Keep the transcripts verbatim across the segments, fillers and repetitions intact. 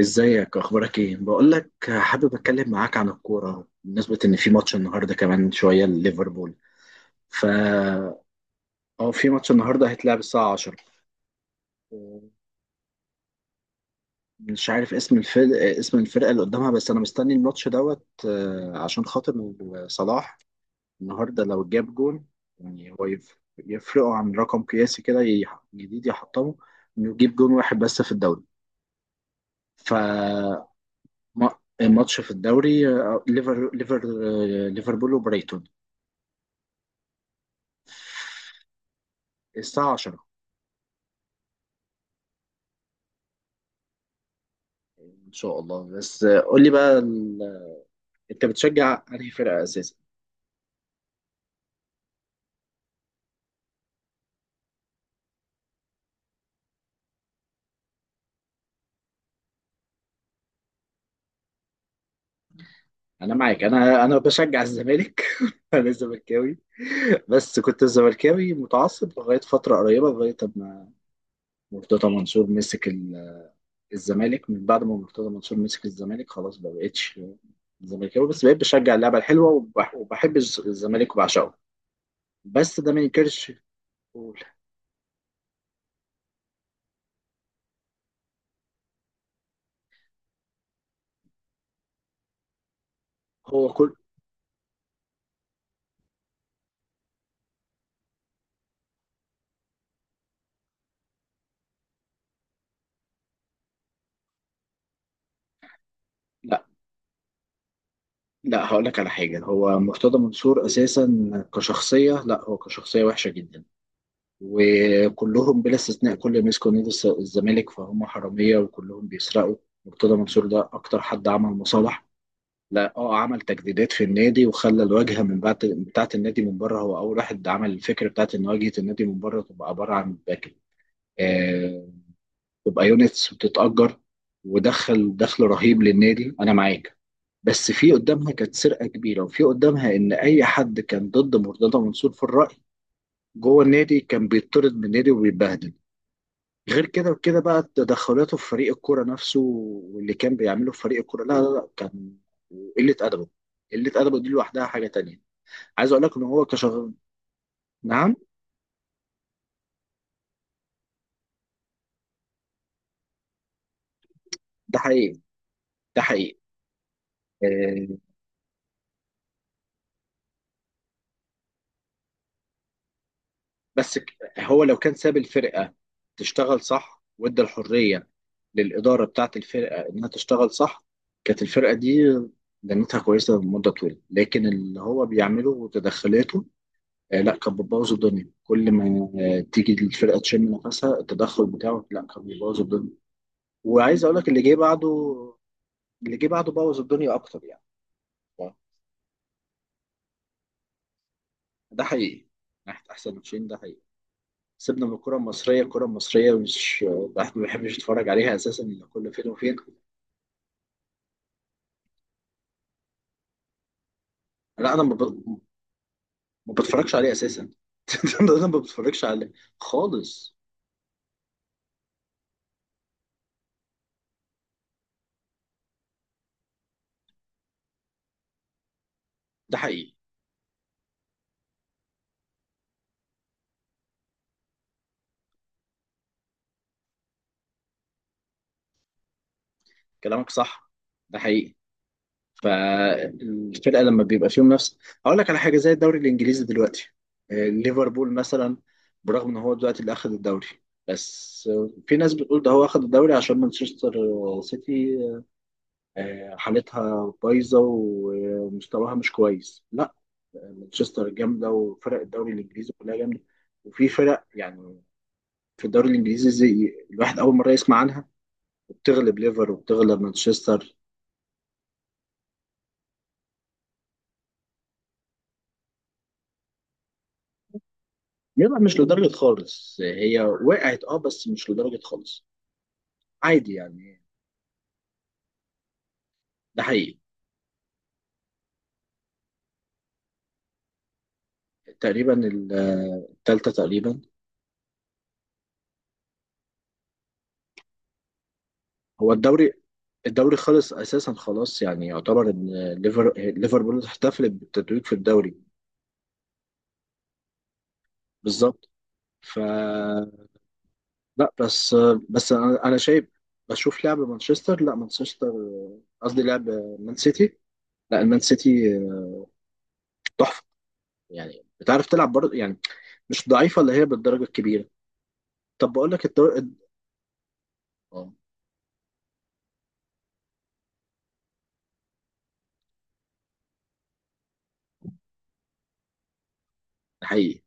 ازيك، اخبارك ايه؟ بقول لك حابب اتكلم معاك عن الكوره، بالنسبه ان في ماتش النهارده كمان شويه لليفربول. فا اه، في ماتش النهارده، هيتلعب الساعه عشرة. مش عارف اسم الفرق اسم الفرقه اللي قدامها، بس انا مستني الماتش دوت. آه، عشان خاطر صلاح النهارده لو جاب جون. يعني هو يف- يفرقوا عن رقم قياسي كده، يح- جديد يحطمه، انه يجيب جون واحد بس في الدوري. ف ما- الماتش في الدوري. آه، ليفر ليفر آه، ليفربول وبريتون. الساعة عشرة، إن شاء الله. بس قول لي بقى ال... أنت بتشجع أنهي فرقة أساسا؟ أنا معاك. أنا أنا بشجع الزمالك. أنا زملكاوي، بس كنت زملكاوي متعصب لغاية فترة قريبة، لغاية ما مرتضى منصور مسك ال- الزمالك. من بعد ما مرتضى منصور مسك الزمالك، خلاص ما بقتش زملكاوي، بس بقيت بشجع اللعبة الحلوة وبح- وبحب الز- الزمالك وبعشقه. بس ده ما ينكرش. قول. هو كل لا، هقول لك على حاجة. هو مرتضى منصور أساسا كشخصية، لا، هو كشخصية وحشة جدا. وكلهم بلا استثناء كل ما يمسكوا نادي الس- الزمالك فهم حرامية وكلهم بيسرقوا. مرتضى منصور ده أكتر حد عمل مصالح. لا اه عمل تجديدات في النادي، وخلى الواجهة من بعد بتاعة النادي من بره. هو أول واحد عمل الفكرة بتاعة إن واجهة النادي من بره تبقى عبارة عن باك. آه تبقى يونتس بتتأجر، ودخل دخل رهيب للنادي. أنا معاك، بس في قدامها كانت سرقة كبيرة، وفي قدامها إن أي حد كان ضد مرتضى منصور في الرأي جوه النادي كان بيطرد من النادي وبيتبهدل. غير كده وكده بقى تدخلاته في فريق الكورة نفسه، واللي كان بيعمله في فريق الكورة، لا لا لا، كان قلة أدبه. قلة أدبه دي لوحدها حاجة تانية. عايز أقول لك إن هو كشغل. نعم. ده حقيقي، ده حقيقي. آه، بس ك- هو لو كان ساب الفرقة تشتغل صح، وادى الحرية للإدارة بتاعة الفرقة إنها تشتغل صح، كانت الفرقة دي دنيتها كويسة لمدة طويلة. لكن اللي هو بيعمله وتدخلاته، آه لا، كان بتبوظ الدنيا. كل ما آه تيجي الفرقة تشم نفسها، التدخل بتاعه، لا، كان بيبوظ الدنيا. وعايز أقول لك، اللي جه بعده اللي جه بعده بوظ الدنيا أكتر يعني. ده حقيقي. ناحية أحسن ماتشين، ده حقيقي. سيبنا من الكرة المصرية الكرة المصرية مش الواحد ما بيحبش يتفرج عليها أساسا، إلا كل فين وفين. لا، أنا ما ب- ما بتفرجش عليها أساسا. أنا ما بتفرجش عليها خالص. ده حقيقي. كلامك صح، ده حقيقي. فالفرقة لما بيبقى فيهم نفس. هقول لك على حاجة، زي الدوري الإنجليزي دلوقتي. آه، ليفربول مثلا، برغم إن هو دلوقتي اللي أخذ الدوري، بس آه، في ناس بتقول ده هو أخذ الدوري عشان مانشستر سيتي آه، حالتها بايظة ومستواها مش كويس. لا، مانشستر جامده، وفرق الدوري الانجليزي كلها جامده. وفي فرق يعني في الدوري الانجليزي زي الواحد اول مره يسمع عنها، وبتغلب ليفر وبتغلب مانشستر. يبقى مش لدرجه خالص. هي وقعت، اه، بس مش لدرجه خالص، عادي يعني. ده حقيقي. تقريبا ال- التالتة تقريبا. هو الدوري الدوري خلص اساسا. خلاص يعني يعتبر ان ليفر ليفربول احتفلت بالتتويج في الدوري. بالظبط. ف لا، بس، بس انا أنا شايف. بشوف لعب مانشستر، لا، مانشستر قصدي، لعب مان سيتي، لا، المان سيتي تحفه. يعني بتعرف تلعب برضه يعني، مش ضعيفه اللي هي بالدرجه الكبيره. طب بقول لك الدوري. اه، ده حقيقي،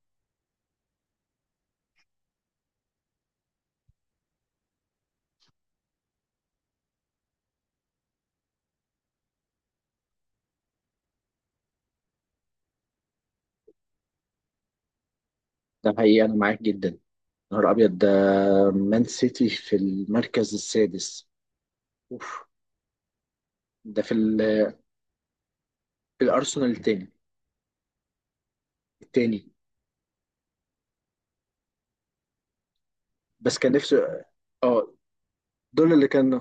ده حقيقي. انا معاك جدا، يا نهار ابيض ده! مان سيتي في المركز السادس. اوف! ده في ال- في الارسنال التاني. التاني. بس كان نفسه. اه، دول اللي كانوا.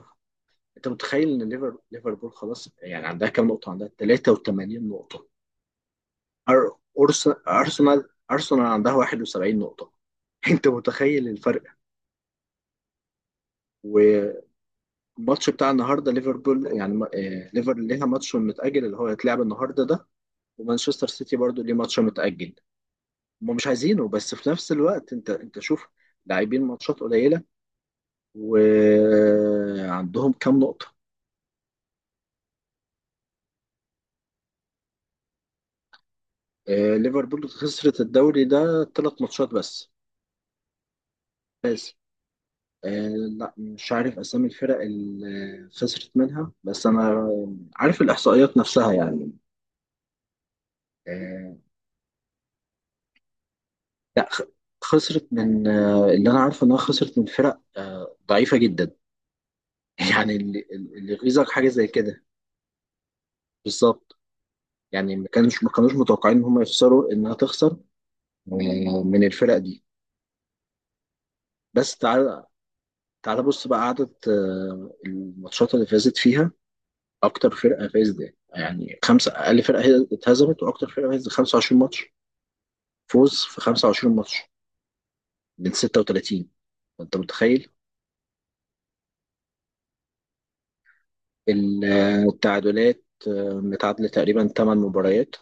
انت متخيل ان ليفر- ليفربول، خلاص يعني، عندها كام نقطه؟ عندها تلاته وتمانين نقطه. أر- أرس- أرسنال أرسنال عندها واحد وسبعين نقطة. أنت متخيل الفرق؟ والماتش بتاع النهاردة، ليفربول يعني ما- آه، ليفر ليها ماتش متأجل اللي هو هيتلعب النهاردة ده. ومانشستر سيتي برضو ليه ماتش متأجل. هم مش عايزينه، بس في نفس الوقت، أنت أنت شوف، لاعبين ماتشات قليلة وعندهم كام نقطة. آه، ليفربول خسرت الدوري ده ثلاث ماتشات بس. آه لا، مش عارف اسامي الفرق اللي خسرت منها، بس انا عارف الاحصائيات نفسها يعني. آه لا، خ- خسرت من، آه اللي انا عارفه انها خسرت من فرق آه ضعيفه جدا. يعني اللي اللي يغيظك حاجه زي كده. بالظبط. يعني ما كانوش ما كانوش متوقعين ان هم يخسروا، انها تخسر آه، من الفرق دي. بس تعال، تعال بص بقى عدد آه الماتشات اللي فازت فيها. اكتر فرقه فازت يعني خمسه. اقل فرقه هي اتهزمت، واكتر فرقه فازت خمسة وعشرون ماتش. فوز في خمسة وعشرون ماتش من سته وتلاتين. انت متخيل؟ ال- التعادلات آه، متعادله تقريبا ثماني مباريات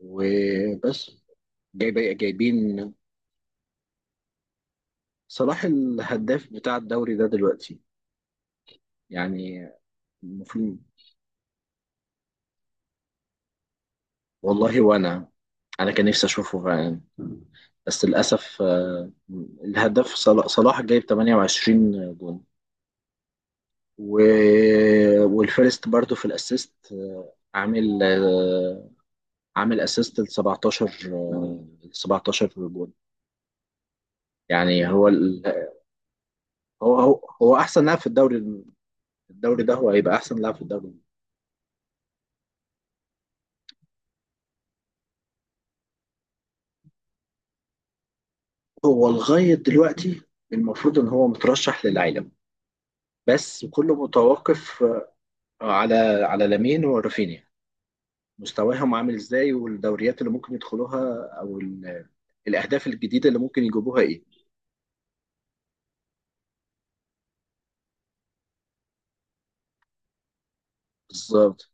وبس. جايب، جايبين صلاح الهداف بتاع الدوري ده دلوقتي يعني، المفروض. والله وانا، انا كان نفسي اشوفه فعلا. بس للاسف آه، الهداف صلا- صلاح جايب تمانيه وعشرين جون، و... والفيرست برضو في الاسيست، آه، عامل آه، عامل اسيست ل سبعتاشر. آه، سبعتاشر جول. يعني هو ال... هو هو هو احسن لاعب في الدوري. الدوري ده هو هيبقى احسن لاعب في الدوري. هو لغايه دلوقتي المفروض ان هو مترشح للعالم، بس كله متوقف آه، على على لامين ورافينيا، مستواهم عامل ازاي، والدوريات اللي ممكن يدخلوها، او ال... الاهداف الجديده اللي ممكن يجيبوها ايه. بالظبط.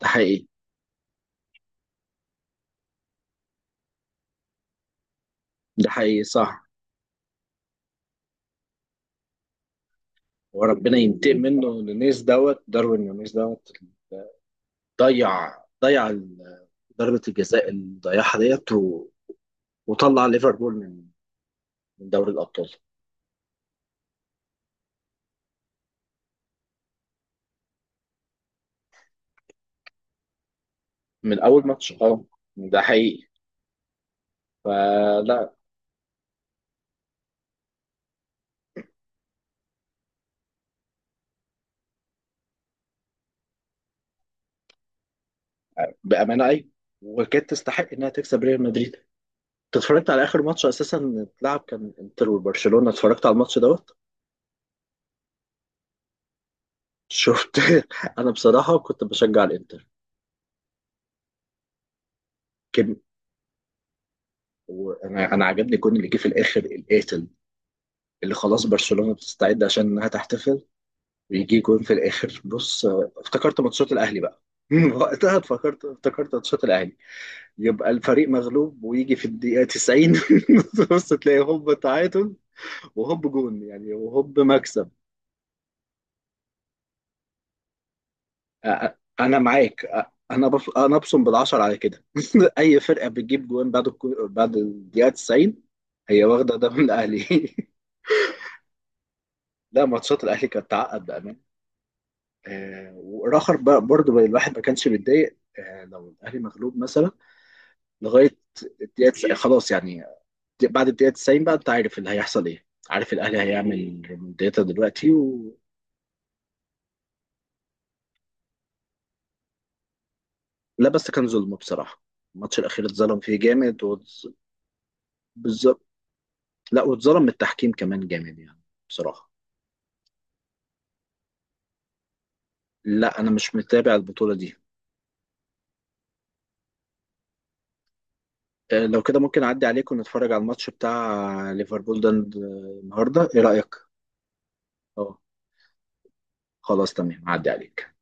ده حقيقي، ده حقيقي. صح. وربنا ينتقم منه نونيز دوت، داروين نونيز دوت. ضيع ضيع ال- ضربة الجزاء اللي ضيعها ديت، و- وطلع ليفربول من من دوري الأبطال. من أول ماتش، اه، ده حقيقي. فلا. بأمانة، أي. وكانت تستحق إنها تكسب ريال مدريد. أنت اتفرجت على آخر ماتش أساسا اتلعب؟ كان إنتر وبرشلونة. اتفرجت على الماتش دوت؟ شفت؟ أنا بصراحة كنت بشجع الإنتر. كم. وأنا أنا عجبني الجون اللي جه في الآخر القاتل، اللي خلاص برشلونة بتستعد عشان إنها تحتفل، بيجي جون في الاخر. بص، آه، افتكرت ماتشات الاهلي بقى. وقتها افتكرت افتكرت ماتشات الاهلي. يبقى الفريق مغلوب، ويجي في الدقيقه تسعين، بص، تلاقي هوب، تعادل، وهوب جون يعني، وهوب مكسب. آه، آه، انا معاك. آه، انا بف... انا ابصم بالعشر على كده. اي فرقه بتجيب جون بعد الكو... بعد الدقيقه تسعين، هي واخده ده من الاهلي. لا، ماتشات الاهلي كانت تعقد بامان. آه، والاخر بقى برضه الواحد ما كانش بيتضايق آه، لو الاهلي مغلوب مثلا لغايه الدقيقه. تس- خلاص يعني، بعد الدقيقه تسعين بقى، انت عارف اللي هيحصل ايه، عارف، الاهلي هيعمل ريمونتادا دلوقتي، و... لا، بس كان ظلم بصراحه. الماتش الاخير اتظلم فيه جامد، واتز- بالظبط. لا، واتظلم من التحكيم كمان جامد يعني، بصراحه. لا، انا مش متابع البطوله دي. آه، لو كده ممكن اعدي عليكم نتفرج على الماتش بتاع ليفربول ده النهارده، ايه رايك؟ اه، خلاص، تمام، اعدي عليك.